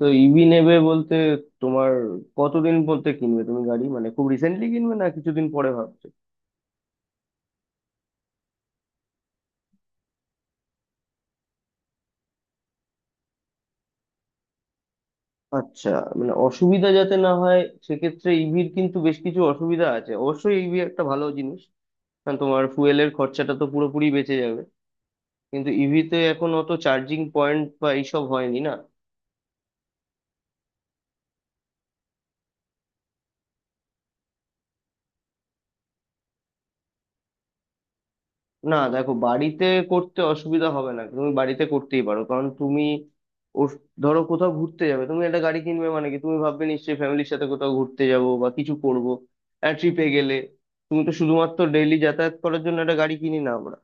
তো ইভি নেবে বলতে তোমার কতদিন বলতে কিনবে তুমি গাড়ি, মানে খুব রিসেন্টলি কিনবে না কিছুদিন পরে ভাবছো? আচ্ছা, মানে অসুবিধা যাতে না হয়, সেক্ষেত্রে ইভির কিন্তু বেশ কিছু অসুবিধা আছে। অবশ্যই ইভি একটা ভালো জিনিস, কারণ তোমার ফুয়েলের খরচাটা তো পুরোপুরি বেঁচে যাবে। কিন্তু ইভিতে এখন অত চার্জিং পয়েন্ট বা এইসব হয়নি না। না দেখো, বাড়িতে করতে অসুবিধা হবে না, তুমি বাড়িতে করতেই পারো, কারণ তুমি ওর ধরো কোথাও ঘুরতে যাবে, তুমি একটা গাড়ি কিনবে মানে কি, তুমি ভাববে নিশ্চয়ই ফ্যামিলির সাথে কোথাও ঘুরতে যাব বা কিছু করব। ট্রিপে গেলে তুমি তো শুধুমাত্র ডেইলি যাতায়াত করার জন্য একটা গাড়ি কিনি না আমরা।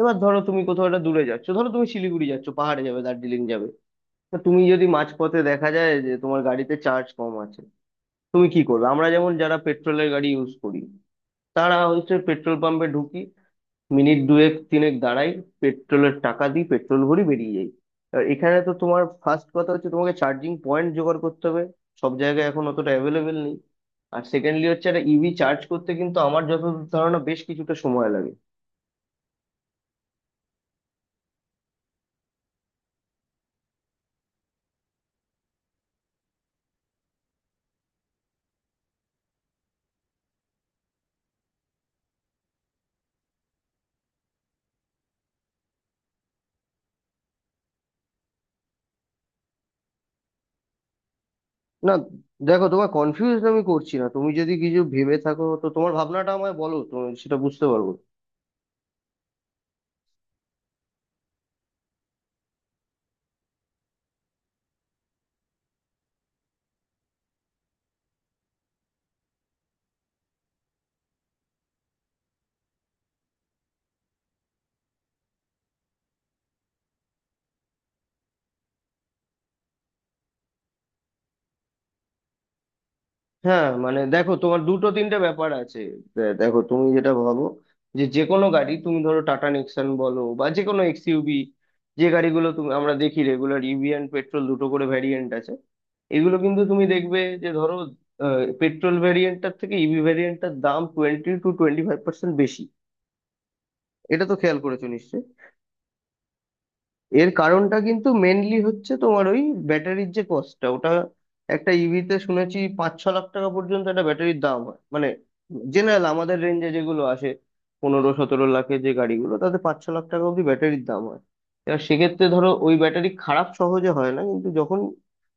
এবার ধরো তুমি কোথাও একটা দূরে যাচ্ছ, ধরো তুমি শিলিগুড়ি যাচ্ছ, পাহাড়ে যাবে, দার্জিলিং যাবে। তো তুমি যদি মাঝপথে দেখা যায় যে তোমার গাড়িতে চার্জ কম আছে, তুমি কি করবে? আমরা যেমন যারা পেট্রোলের গাড়ি ইউজ করি, তারা হচ্ছে পেট্রোল পাম্পে ঢুকি, মিনিট দুয়েক তিনেক দাঁড়াই, পেট্রোলের টাকা দিই, পেট্রোল ভরি, বেরিয়ে যাই। আর এখানে তো তোমার ফার্স্ট কথা হচ্ছে তোমাকে চার্জিং পয়েন্ট জোগাড় করতে হবে। সব জায়গায় এখন অতটা অ্যাভেলেবেল নেই। আর সেকেন্ডলি হচ্ছে একটা ইভি চার্জ করতে কিন্তু আমার যতদূর ধারণা বেশ কিছুটা সময় লাগে। না দেখো, তোমার কনফিউজ আমি করছি না। তুমি যদি কিছু ভেবে থাকো তো তোমার ভাবনাটা আমায় বলো তো, সেটা বুঝতে পারবো। হ্যাঁ মানে দেখো, তোমার দুটো তিনটে ব্যাপার আছে। দেখো তুমি যেটা ভাবো যে যে কোনো গাড়ি, তুমি ধরো টাটা নেক্সন বলো বা যে কোনো এক্সইউভি, যে গাড়িগুলো তুমি আমরা দেখি রেগুলার, ইভি অ্যান্ড পেট্রোল দুটো করে ভ্যারিয়েন্ট আছে। এগুলো কিন্তু তুমি দেখবে যে ধরো পেট্রোল ভ্যারিয়েন্টটার থেকে ইভি ভ্যারিয়েন্টটার দাম 22-25% বেশি। এটা তো খেয়াল করেছো নিশ্চয়ই। এর কারণটা কিন্তু মেনলি হচ্ছে তোমার ওই ব্যাটারির যে কস্টটা, ওটা একটা ইভিতে শুনেছি 5-6 লাখ টাকা পর্যন্ত একটা ব্যাটারির দাম হয়, মানে জেনারেল আমাদের রেঞ্জে যেগুলো আসে, 15-17 লাখের যে গাড়িগুলো, তাতে 5-6 লাখ টাকা অব্দি ব্যাটারির দাম হয়। এবার সেক্ষেত্রে ধরো ওই ব্যাটারি খারাপ সহজে হয় না, কিন্তু যখন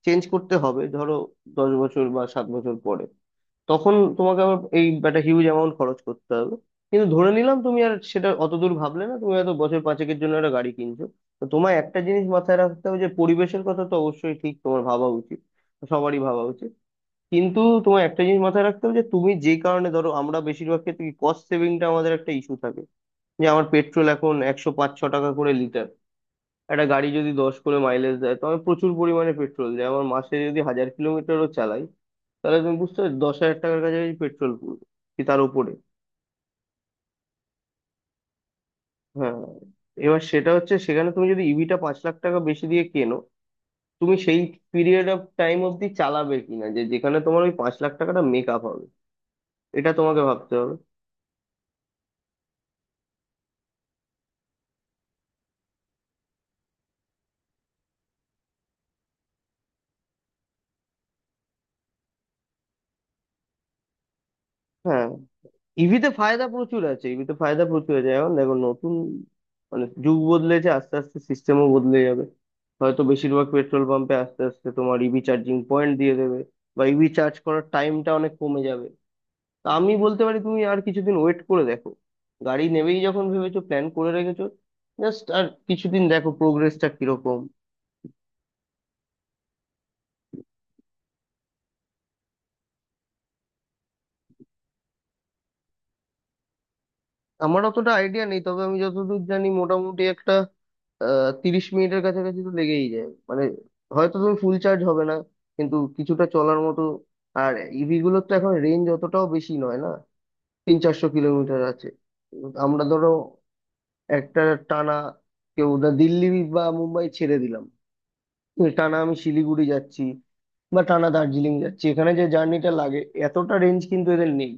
চেঞ্জ করতে হবে, ধরো 10 বছর বা 7 বছর পরে, তখন তোমাকে আবার এই একটা হিউজ অ্যামাউন্ট খরচ করতে হবে। কিন্তু ধরে নিলাম তুমি আর সেটা অতদূর ভাবলে না, তুমি হয়তো বছর পাঁচেকের জন্য একটা গাড়ি কিনছো। তো তোমার একটা জিনিস মাথায় রাখতে হবে যে পরিবেশের কথা তো অবশ্যই ঠিক তোমার ভাবা উচিত, সবারই ভাবা উচিত। কিন্তু তোমার একটা জিনিস মাথায় রাখতে হবে যে তুমি যে কারণে ধরো, আমরা বেশিরভাগ ক্ষেত্রে কস্ট সেভিংটা আমাদের একটা ইস্যু থাকে, যে আমার পেট্রোল এখন 105-106 টাকা করে লিটার। একটা গাড়ি যদি 10 করে মাইলেজ দেয়, তো আমি প্রচুর পরিমাণে পেট্রোল দেয়। আমার মাসে যদি 1000 কিলোমিটারও চালাই, তাহলে তুমি বুঝতে পারছো 10,000 টাকার কাছাকাছি পেট্রোল, পুরো কি তার উপরে। হ্যাঁ, এবার সেটা হচ্ছে সেখানে তুমি যদি ইভিটা 5 লাখ টাকা বেশি দিয়ে কেনো, তুমি সেই পিরিয়ড অফ টাইম অবধি চালাবে কিনা, যে যেখানে তোমার ওই 5 লাখ টাকাটা মেক আপ হবে, এটা তোমাকে ভাবতে হবে। হ্যাঁ, ইভিতে ফায়দা প্রচুর আছে, ইভিতে ফায়দা প্রচুর আছে। এখন দেখো, নতুন মানে যুগ বদলেছে, আস্তে আস্তে সিস্টেমও বদলে যাবে। হয়তো বেশিরভাগ পেট্রোল পাম্পে আস্তে আস্তে তোমার ইভি চার্জিং পয়েন্ট দিয়ে দেবে, বা ইভি চার্জ করার টাইমটা অনেক কমে যাবে। তা আমি বলতে পারি, তুমি আর কিছুদিন ওয়েট করে দেখো। গাড়ি নেবেই যখন ভেবেছো, প্ল্যান করে রেখেছো, জাস্ট আর কিছুদিন দেখো প্রোগ্রেসটা কিরকম। আমার অতটা আইডিয়া নেই, তবে আমি যতদূর জানি মোটামুটি একটা 30 মিনিটের কাছাকাছি তো লেগেই যায়, মানে হয়তো তুমি ফুল চার্জ হবে না, কিন্তু কিছুটা চলার মতো। আর ইভি গুলোর তো এখন রেঞ্জ অতটাও বেশি নয় না, 300-400 কিলোমিটার আছে। আমরা ধরো একটা টানা, কেউ না দিল্লি বা মুম্বাই ছেড়ে দিলাম, টানা আমি শিলিগুড়ি যাচ্ছি, বা টানা দার্জিলিং যাচ্ছি, এখানে যে জার্নিটা লাগে, এতটা রেঞ্জ কিন্তু এদের নেই।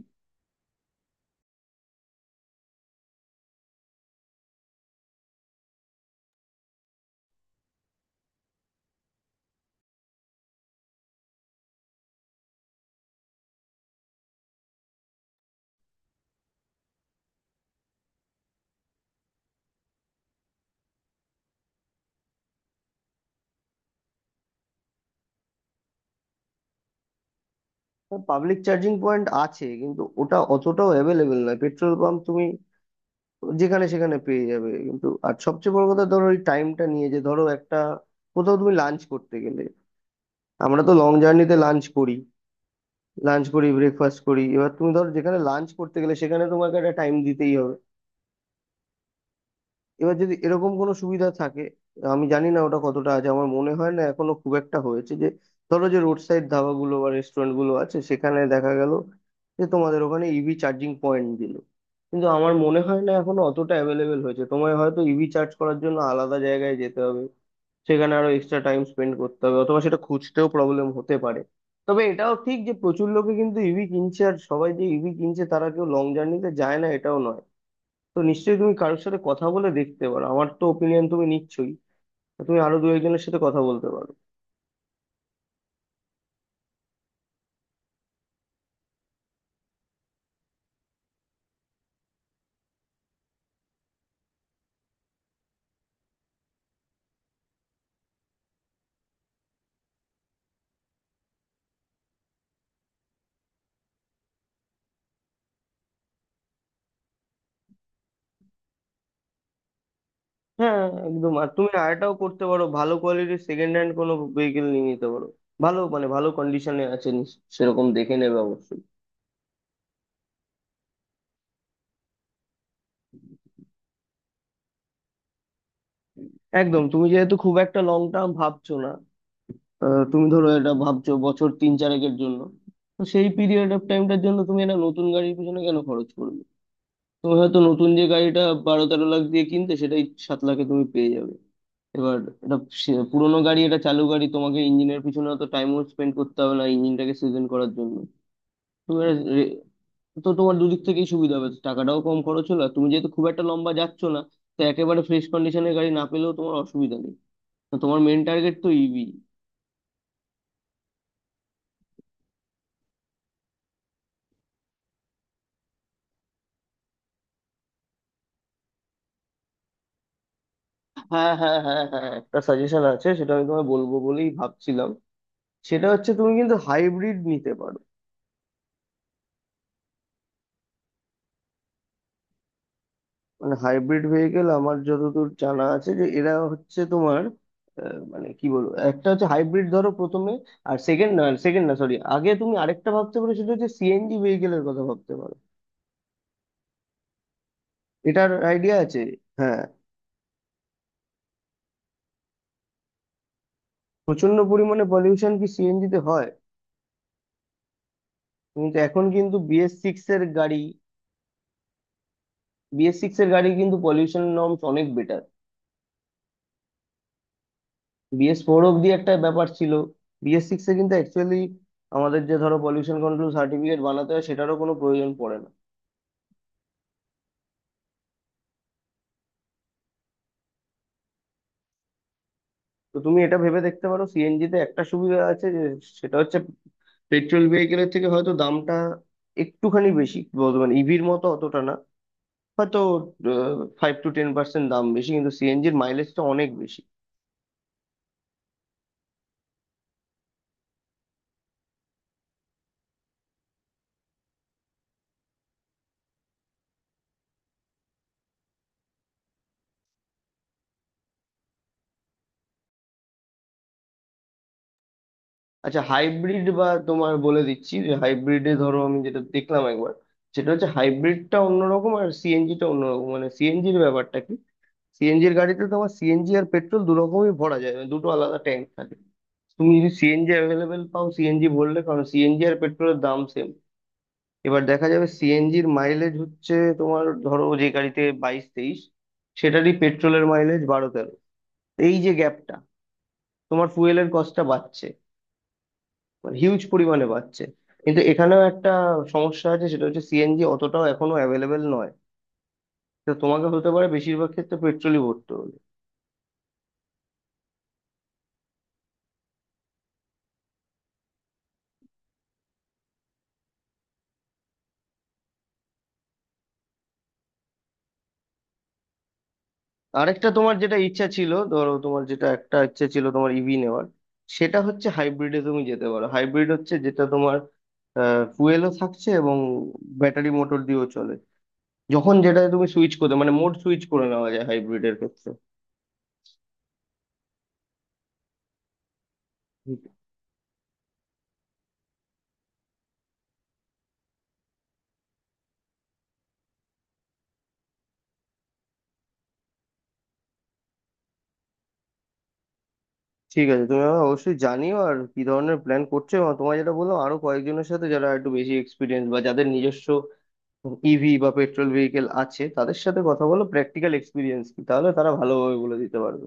পাবলিক চার্জিং পয়েন্ট আছে, কিন্তু ওটা অতটাও অ্যাভেলেবেল নয়। পেট্রোল পাম্প তুমি যেখানে সেখানে পেয়ে যাবে। কিন্তু আর সবচেয়ে বড় কথা ধরো ওই টাইমটা নিয়ে, যে ধরো একটা কোথাও তুমি লাঞ্চ করতে গেলে, আমরা তো লং জার্নিতে লাঞ্চ করি, লাঞ্চ করি ব্রেকফাস্ট করি, এবার তুমি ধরো যেখানে লাঞ্চ করতে গেলে সেখানে তোমাকে একটা টাইম দিতেই হবে। এবার যদি এরকম কোনো সুবিধা থাকে, আমি জানি না ওটা কতটা আছে, আমার মনে হয় না এখনো খুব একটা হয়েছে, যে ধরো যে রোড সাইড ধাবাগুলো বা রেস্টুরেন্ট গুলো আছে, সেখানে দেখা গেল যে তোমাদের ওখানে ইভি চার্জিং পয়েন্ট দিল। কিন্তু আমার মনে হয় না এখনো অতটা অ্যাভেলেবেল হয়েছে, তোমায় হয়তো ইভি চার্জ করার জন্য আলাদা জায়গায় যেতে হবে, সেখানে আরো এক্সট্রা টাইম স্পেন্ড করতে হবে, অথবা সেটা খুঁজতেও প্রবলেম হতে পারে। তবে এটাও ঠিক যে প্রচুর লোকে কিন্তু ইভি কিনছে, আর সবাই যে ইভি কিনছে তারা কেউ লং জার্নিতে যায় না, এটাও নয়। তো নিশ্চয়ই তুমি কারোর সাথে কথা বলে দেখতে পারো। আমার তো ওপিনিয়ন তুমি নিচ্ছই, তো তুমি আরো দু একজনের সাথে কথা বলতে পারো। হ্যাঁ একদম। আর তুমি আরেকটাও করতে পারো, ভালো কোয়ালিটির সেকেন্ড হ্যান্ড কোনো ভেহিকেল নিয়ে নিতে পারো। ভালো মানে ভালো কন্ডিশনে আছে, সেরকম দেখে নেবে অবশ্যই। একদম, তুমি যেহেতু খুব একটা লং টার্ম ভাবছো না, তুমি ধরো এটা ভাবছো বছর তিন চারেকের জন্য, তো সেই পিরিয়ড অফ টাইমটার জন্য তুমি একটা নতুন গাড়ির পিছনে কেন খরচ করবে? তুমি হয়তো নতুন যে গাড়িটা 12-13 লাখ দিয়ে কিনতে, সেটাই 7 লাখে তুমি পেয়ে যাবে। এবার এটা পুরোনো গাড়ি, এটা চালু গাড়ি, তোমাকে ইঞ্জিনের পিছনে অত টাইমও স্পেন্ড করতে হবে না ইঞ্জিনটাকে সিজন করার জন্য। তো এবার রে- তো তোমার দুদিক থেকেই সুবিধা হবে, টাকাটাও কম খরচ হলো, আর তুমি যেহেতু খুব একটা লম্বা যাচ্ছ না, তো একেবারে ফ্রেশ কন্ডিশনের গাড়ি না পেলেও তোমার অসুবিধা নেই। তো তোমার মেন টার্গেট তো ইভি। হ্যাঁ হ্যাঁ হ্যাঁ হ্যাঁ, একটা সাজেশন আছে, সেটা আমি তোমায় বলবো বলেই ভাবছিলাম। সেটা হচ্ছে তুমি কিন্তু হাইব্রিড নিতে পারো। মানে হাইব্রিড ভেহিকেল, আমার যতদূর জানা আছে যে এরা হচ্ছে তোমার মানে কি বলবো, একটা হচ্ছে হাইব্রিড ধরো প্রথমে, আর সেকেন্ড না সরি, আগে তুমি আরেকটা ভাবতে পারো, সেটা হচ্ছে সিএনজি ভেহিকেলের কথা ভাবতে পারো। এটার আইডিয়া আছে? হ্যাঁ, প্রচন্ড পরিমাণে পলিউশন কি সিএনজি তে হয়? কিন্তু এখন কিন্তু বিএস সিক্স এর গাড়ি কিন্তু পলিউশন নর্মস অনেক বেটার। বিএস ফোর অব্দি একটা ব্যাপার ছিল, বিএস সিক্স এ কিন্তু অ্যাকচুয়ালি আমাদের যে ধরো পলিউশন কন্ট্রোল সার্টিফিকেট বানাতে হয়, সেটারও কোনো প্রয়োজন পড়ে না। তো তুমি এটা ভেবে দেখতে পারো, সিএনজি তে একটা সুবিধা আছে, যে সেটা হচ্ছে পেট্রোল ভেহিকেলের থেকে হয়তো দামটা একটুখানি বেশি বলতে, মানে ইভির মতো অতটা না, হয়তো 5-10% দাম বেশি, কিন্তু সিএনজির মাইলেজটা অনেক বেশি। আচ্ছা, হাইব্রিড, বা তোমার বলে দিচ্ছি যে হাইব্রিডে ধরো, আমি যেটা দেখলাম একবার, সেটা হচ্ছে হাইব্রিডটা অন্যরকম আর সিএনজিটা অন্যরকম। মানে সিএনজির ব্যাপারটা কি, সিএনজির গাড়িতে তোমার সিএনজি আর পেট্রোল দু রকমই ভরা যায়, মানে দুটো আলাদা ট্যাঙ্ক থাকে। তুমি যদি সিএনজি অ্যাভেলেবেল পাও সিএনজি ভরলে, কারণ সিএনজি আর পেট্রোলের দাম সেম। এবার দেখা যাবে সিএনজির মাইলেজ হচ্ছে তোমার ধরো যে গাড়িতে 22-23, সেটারই পেট্রোলের মাইলেজ 12-13। এই যে গ্যাপটা, তোমার ফুয়েলের কস্টটা বাড়ছে, মানে হিউজ পরিমাণে বাড়ছে। কিন্তু এখানেও একটা সমস্যা আছে, সেটা হচ্ছে সিএনজি অতটাও এখনো অ্যাভেলেবেল নয়, তো তোমাকে হতে পারে বেশিরভাগ ক্ষেত্রে পেট্রোলই ভরতে হবে। আরেকটা তোমার যেটা ইচ্ছা ছিল ধরো, তোমার যেটা একটা ইচ্ছা ছিল তোমার ইভি নেওয়ার, সেটা হচ্ছে হাইব্রিডে তুমি যেতে পারো। হাইব্রিড হচ্ছে যেটা তোমার ফুয়েলও থাকছে এবং ব্যাটারি মোটর দিয়েও চলে। যখন যেটা তুমি সুইচ করতে, মানে মোড সুইচ করে নেওয়া যায় হাইব্রিডের ক্ষেত্রে। ঠিক আছে, তুমি আমাকে অবশ্যই জানিও আর কি ধরনের প্ল্যান করছো। এবং তোমার যেটা বললাম আরো কয়েকজনের সাথে যারা একটু বেশি এক্সপিরিয়েন্স বা যাদের নিজস্ব ইভি বা পেট্রোল ভেহিকেল আছে তাদের সাথে কথা বলো, প্র্যাকটিক্যাল এক্সপিরিয়েন্স কি, তাহলে তারা ভালোভাবে বলে দিতে পারবে।